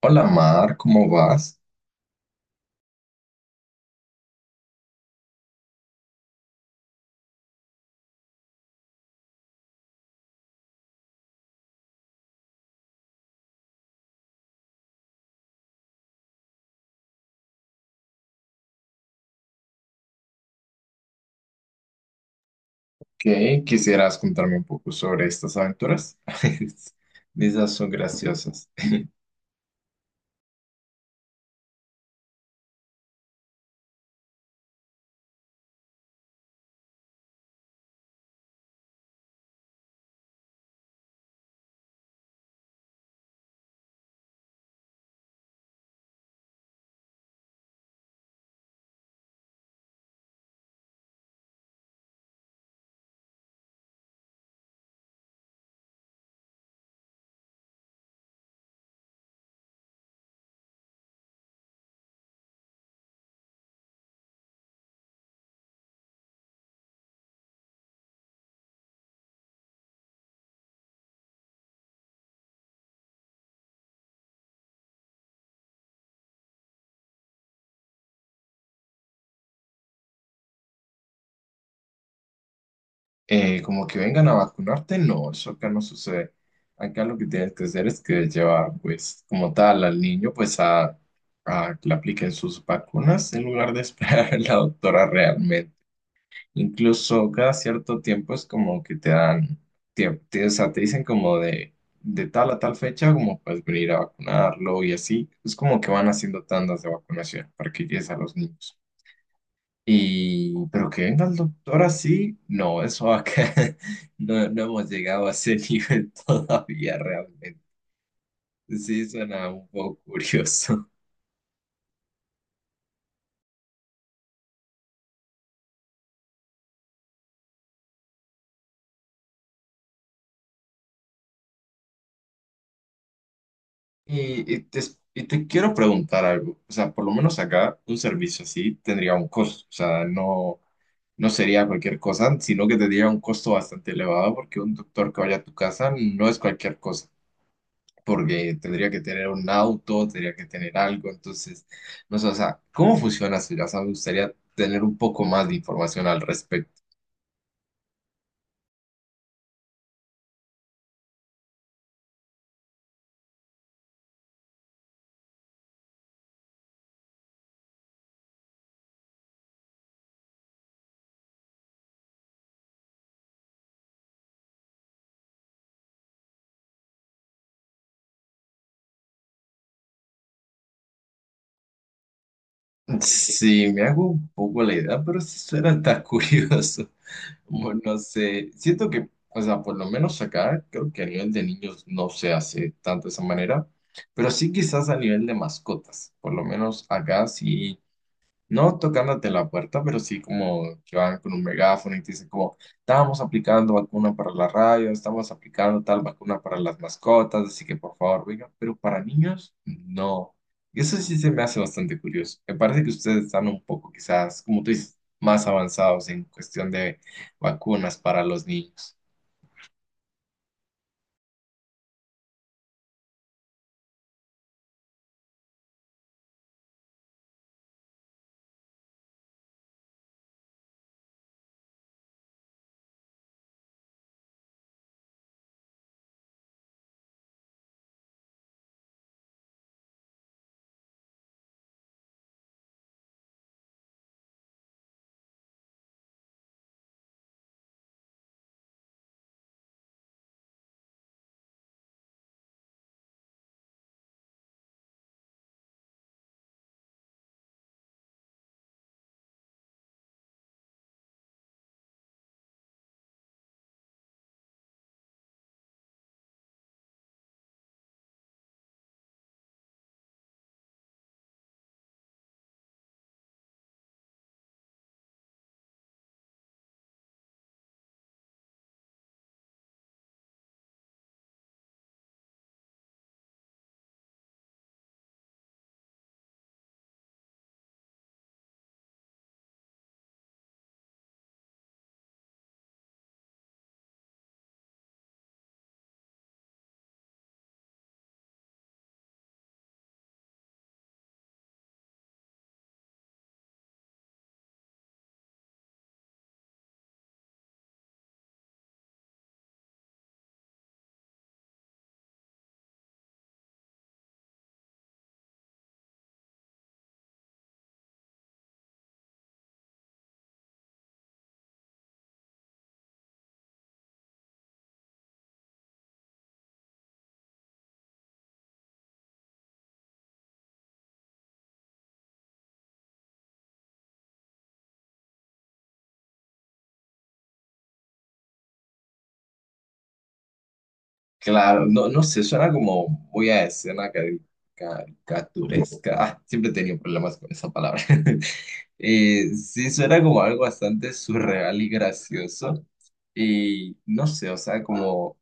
Hola Mar, ¿cómo vas? ¿Qué quisieras contarme un poco sobre estas aventuras? Esas son graciosas. Como que vengan a vacunarte, no, eso acá no sucede. Acá lo que tienes que hacer es que llevar, pues, como tal, al niño, pues, a que le apliquen sus vacunas en lugar de esperar a la doctora realmente. Incluso cada cierto tiempo es como que te dan, o sea, te dicen como de tal a tal fecha, como puedes venir a vacunarlo y así. Es como que van haciendo tandas de vacunación para que llegues a los niños. Y pero que venga el doctor así, no, eso acá no, no hemos llegado a ese nivel todavía realmente. Sí, suena un poco curioso. Y, y te, y te quiero preguntar algo. O sea, por lo menos acá un servicio así tendría un costo. O sea, no, no sería cualquier cosa, sino que tendría un costo bastante elevado porque un doctor que vaya a tu casa no es cualquier cosa, porque tendría que tener un auto, tendría que tener algo. Entonces, no sé, o sea, ¿cómo funciona eso? Ya sabes, me gustaría tener un poco más de información al respecto. Sí, me hago un poco la idea, pero sí suena tan curioso. Bueno, no sé, siento que, o sea, por lo menos acá, creo que a nivel de niños no se hace tanto de esa manera, pero sí quizás a nivel de mascotas, por lo menos acá sí. No tocándote la puerta, pero sí como que van con un megáfono y te dicen como, estamos aplicando vacuna para la radio, estamos aplicando tal vacuna para las mascotas, así que por favor, vengan, pero para niños, no. Y eso sí se me hace bastante curioso. Me parece que ustedes están un poco quizás, como tú dices, más avanzados en cuestión de vacunas para los niños. Claro, no, no sé, suena como muy a escena caricaturesca. Ah, siempre he tenido problemas con esa palabra. Sí, suena como algo bastante surreal y gracioso. Y no sé, o sea, como,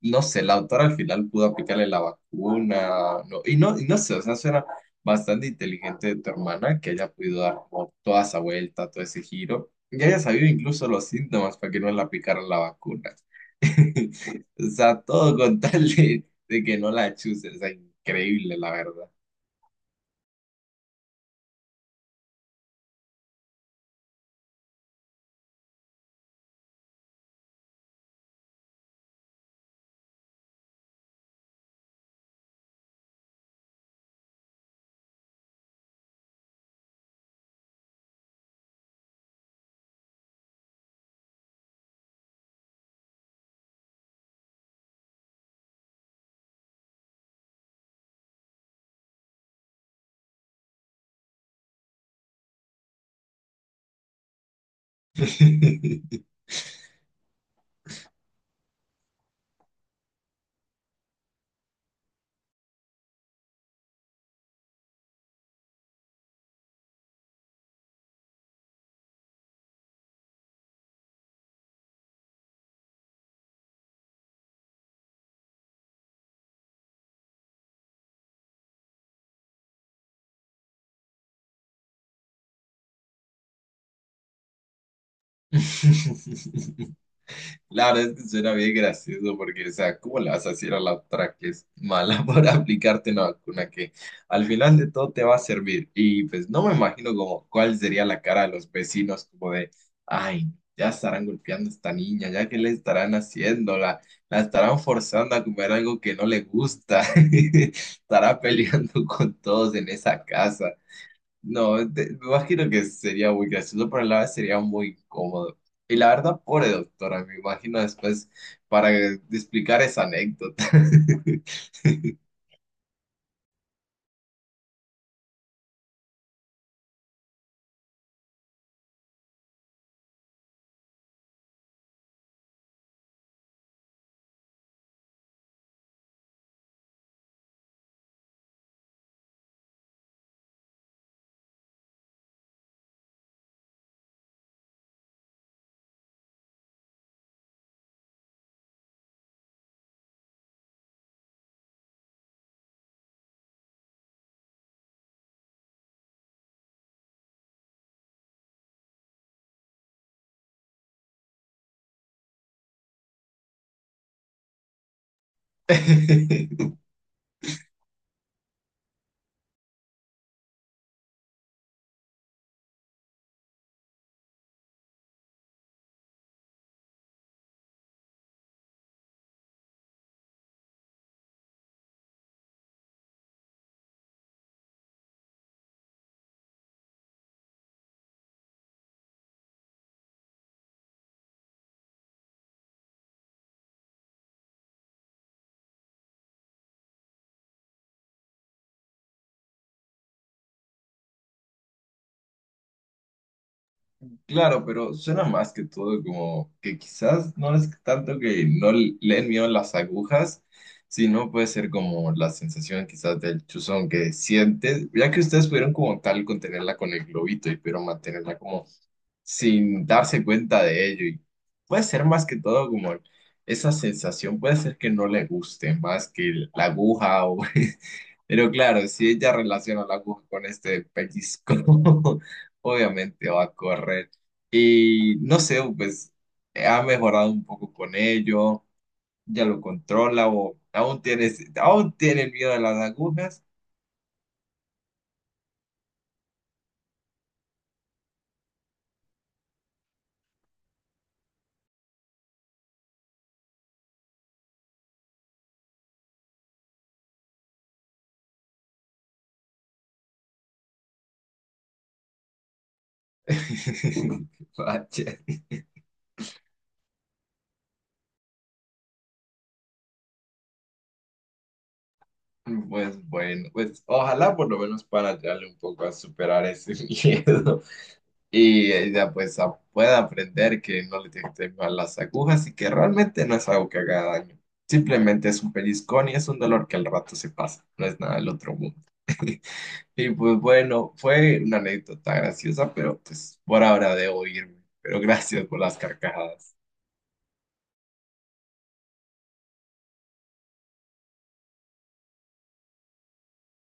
no sé, la autora al final pudo aplicarle la vacuna. No, no, y no sé, o sea, suena bastante inteligente de tu hermana que haya podido dar como toda esa vuelta, todo ese giro. Y haya sabido incluso los síntomas para que no le aplicaran la vacuna. O sea, todo con tal de que no la chusen. O sea, increíble, la verdad. Claro, es que suena bien gracioso porque, o sea, ¿cómo le vas a decir a la otra que es mala para aplicarte una vacuna que al final de todo te va a servir? Y pues no me imagino como cuál sería la cara de los vecinos, como de, ay, ya estarán golpeando a esta niña, ya que le estarán haciendo, la estarán forzando a comer algo que no le gusta, estará peleando con todos en esa casa. No, me imagino que sería muy gracioso, pero a la vez sería muy incómodo. Y la verdad, pobre doctora, me imagino después para explicar esa anécdota. Claro, pero suena más que todo como que quizás no es tanto que no le den miedo las agujas, sino puede ser como la sensación quizás del chuzón que sientes, ya que ustedes pudieron como tal contenerla con el globito y pudieron mantenerla como sin darse cuenta de ello. Y puede ser más que todo como esa sensación, puede ser que no le guste más que la aguja, o... pero claro, si ella relaciona la aguja con este pellizco, obviamente va a correr. Y no sé, pues ha mejorado un poco con ello, ya lo controla o aún tiene el miedo de las agujas. Vaya. Pues bueno, pues ojalá por lo menos para ayudarle un poco a superar ese miedo y ella pues pueda aprender que no le tiene que tener miedo a las agujas y que realmente no es algo que haga daño. Simplemente es un pellizcón y es un dolor que al rato se pasa, no es nada del otro mundo. Y pues bueno, fue una anécdota graciosa, pero pues por ahora debo irme. Pero gracias por las carcajadas.